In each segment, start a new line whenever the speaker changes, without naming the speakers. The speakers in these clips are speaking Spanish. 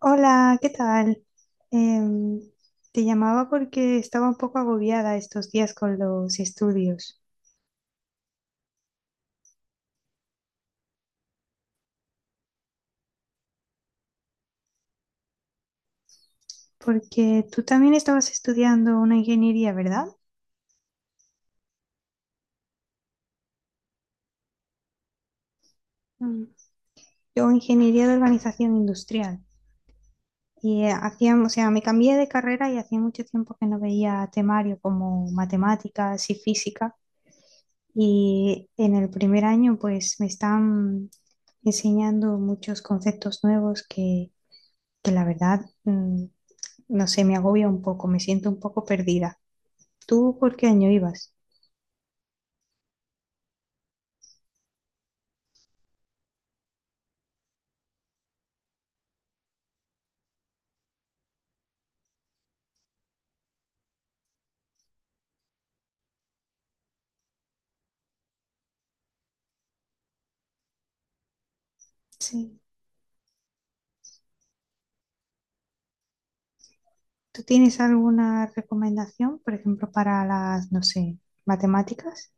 Hola, ¿qué tal? Em, Te llamaba porque estaba un poco agobiada estos días con los estudios, porque tú también estabas estudiando una ingeniería, ¿verdad? Mm. Yo ingeniería de organización industrial y hacía, o sea, me cambié de carrera y hacía mucho tiempo que no veía temario como matemáticas y física, y en el primer año pues me están enseñando muchos conceptos nuevos que la verdad, no sé, me agobia un poco, me siento un poco perdida. ¿Tú por qué año ibas? Sí. ¿Tú tienes alguna recomendación, por ejemplo, para las, no sé, matemáticas?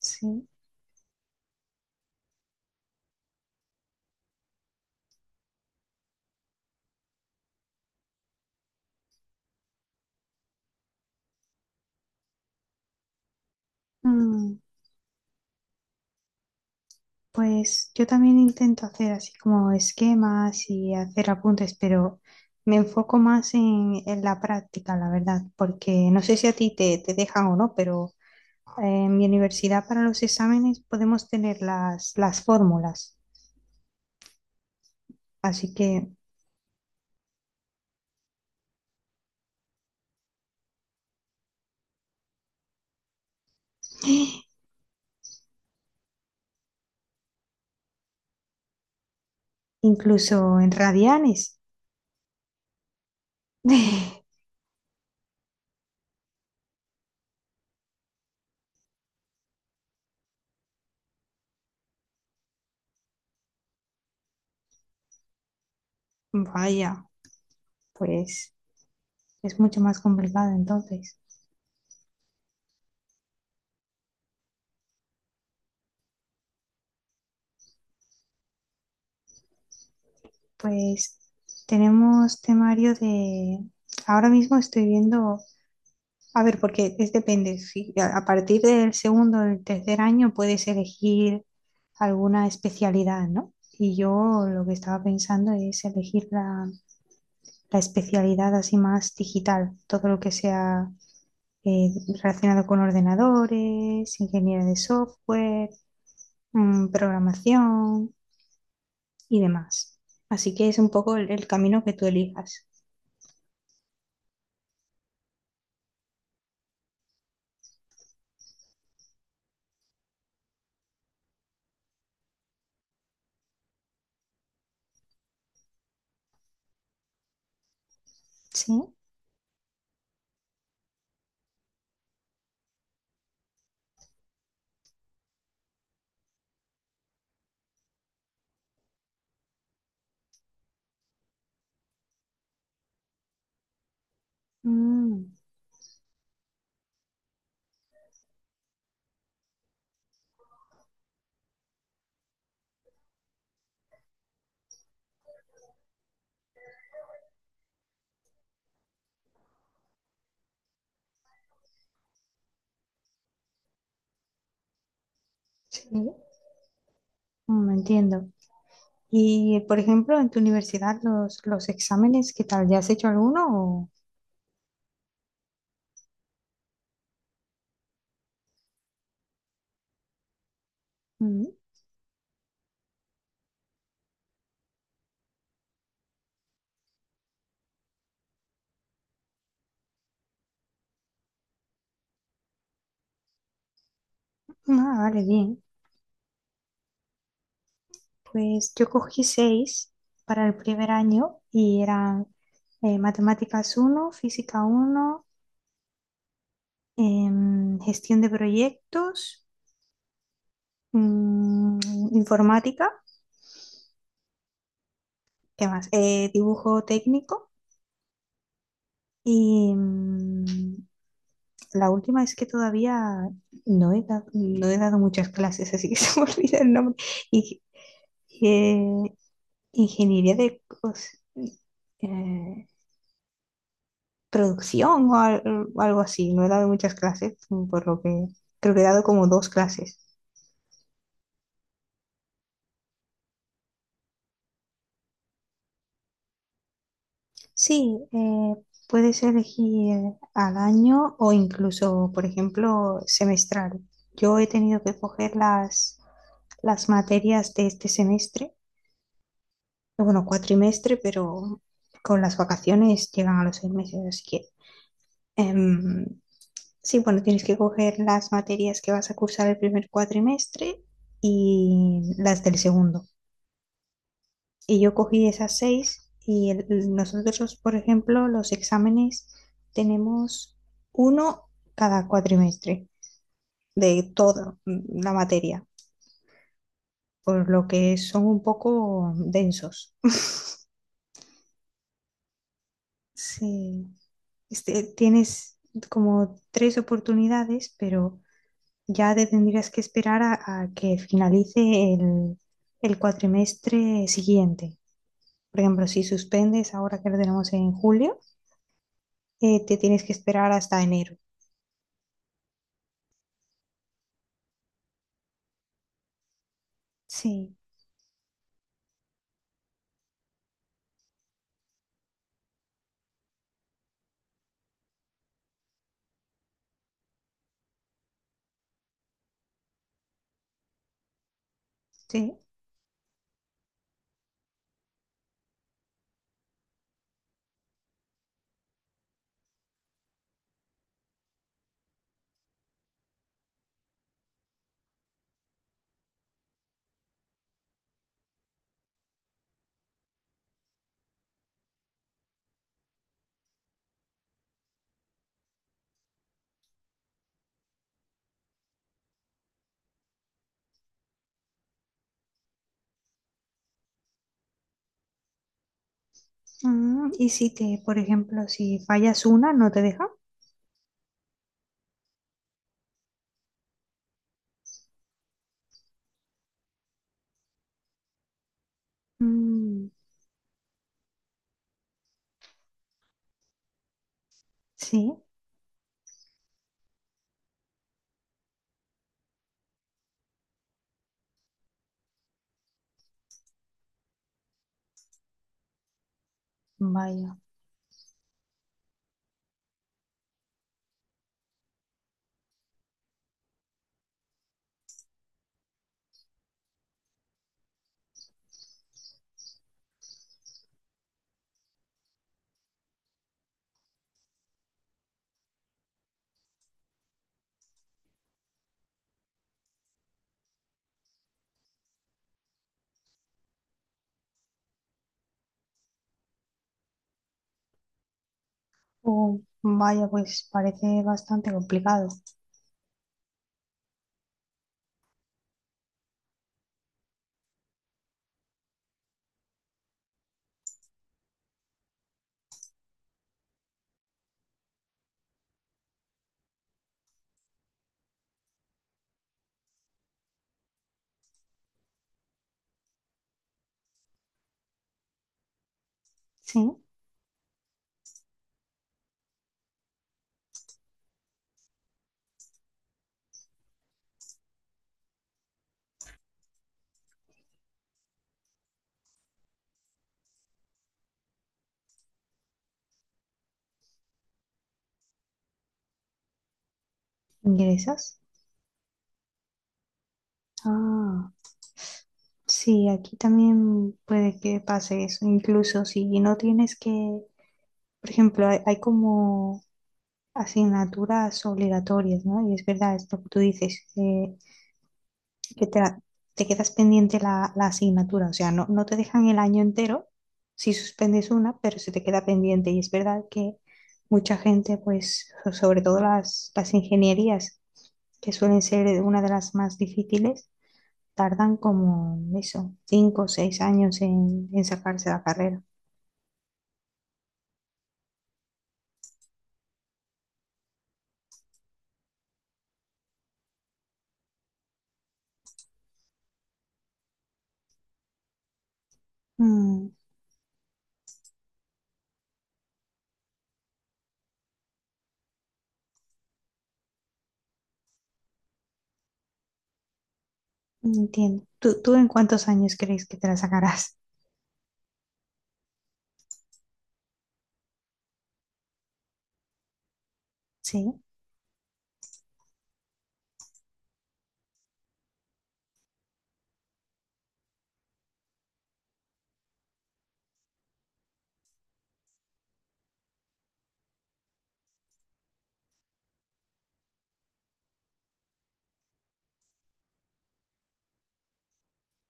Sí. Mm, pues yo también intento hacer así como esquemas y hacer apuntes, pero me enfoco más en la práctica, la verdad, porque no sé si a ti te dejan o no, pero en mi universidad para los exámenes podemos tener las fórmulas. Así que incluso en radianes. Vaya, pues es mucho más complicado entonces. Pues tenemos temario de. Ahora mismo estoy viendo. A ver, porque es depende. Si a partir del segundo o del tercer año puedes elegir alguna especialidad, ¿no? Y yo lo que estaba pensando es elegir la especialidad así más digital, todo lo que sea eh, relacionado con ordenadores, ingeniería de software, programación y demás. Así que es un poco el camino que tú elijas. Sí. Mm. Sí. Entiendo. Y, por ejemplo, en tu universidad, los exámenes, ¿qué tal? ¿Ya has hecho alguno? o- Mm. Ah, vale, bien. Pues yo cogí seis para el primer año y eran matemáticas uno, física uno, gestión de proyectos, mm, informática, ¿qué más? Dibujo técnico y la última es que todavía no he dado muchas clases, así que se me olvida el nombre. Y, eh, ingeniería de eh, producción o algo así. No he dado muchas clases, por lo que creo que he dado como dos clases. Sí, puedes elegir al año o incluso, por ejemplo, semestral. Yo he tenido que coger las materias de este semestre, bueno, cuatrimestre, pero con las vacaciones llegan a los 6 meses, así que em, sí, bueno, tienes que coger las materias que vas a cursar el primer cuatrimestre y las del segundo. Y yo cogí esas seis y nosotros, por ejemplo, los exámenes tenemos uno cada cuatrimestre de toda la materia, por lo que son un poco densos. Sí, este, tienes como tres oportunidades, pero ya te tendrías que esperar a que finalice el cuatrimestre siguiente. Por ejemplo, si suspendes ahora que lo tenemos en julio, te tienes que esperar hasta enero. Sí, sí. Y si te, por ejemplo, si fallas una, no te deja. Mm, sí, vaya. Oh, vaya, pues parece bastante complicado. Sí, ingresas. Ah, sí, aquí también puede que pase eso. Incluso si no tienes que, por ejemplo, hay como asignaturas obligatorias, ¿no? Y es verdad esto que tú dices, que te quedas pendiente la asignatura, o sea, no, no te dejan el año entero si suspendes una, pero se te queda pendiente. Y es verdad que mucha gente, pues, sobre todo las ingenierías, que suelen ser una de las más difíciles, tardan como eso, 5 o 6 años en sacarse la carrera. Mm, Entiendo. ¿Tú en cuántos años crees que te la sacarás? Sí.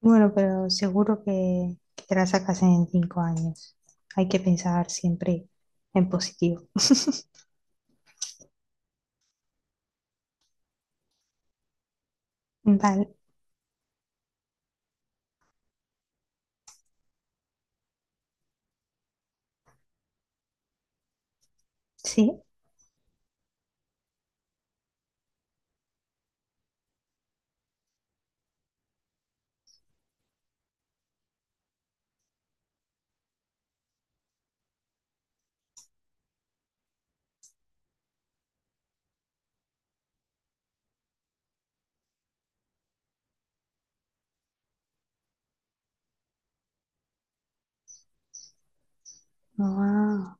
Bueno, pero seguro que te la sacas en 5 años. Hay que pensar siempre en positivo. Vale, sí. Ah.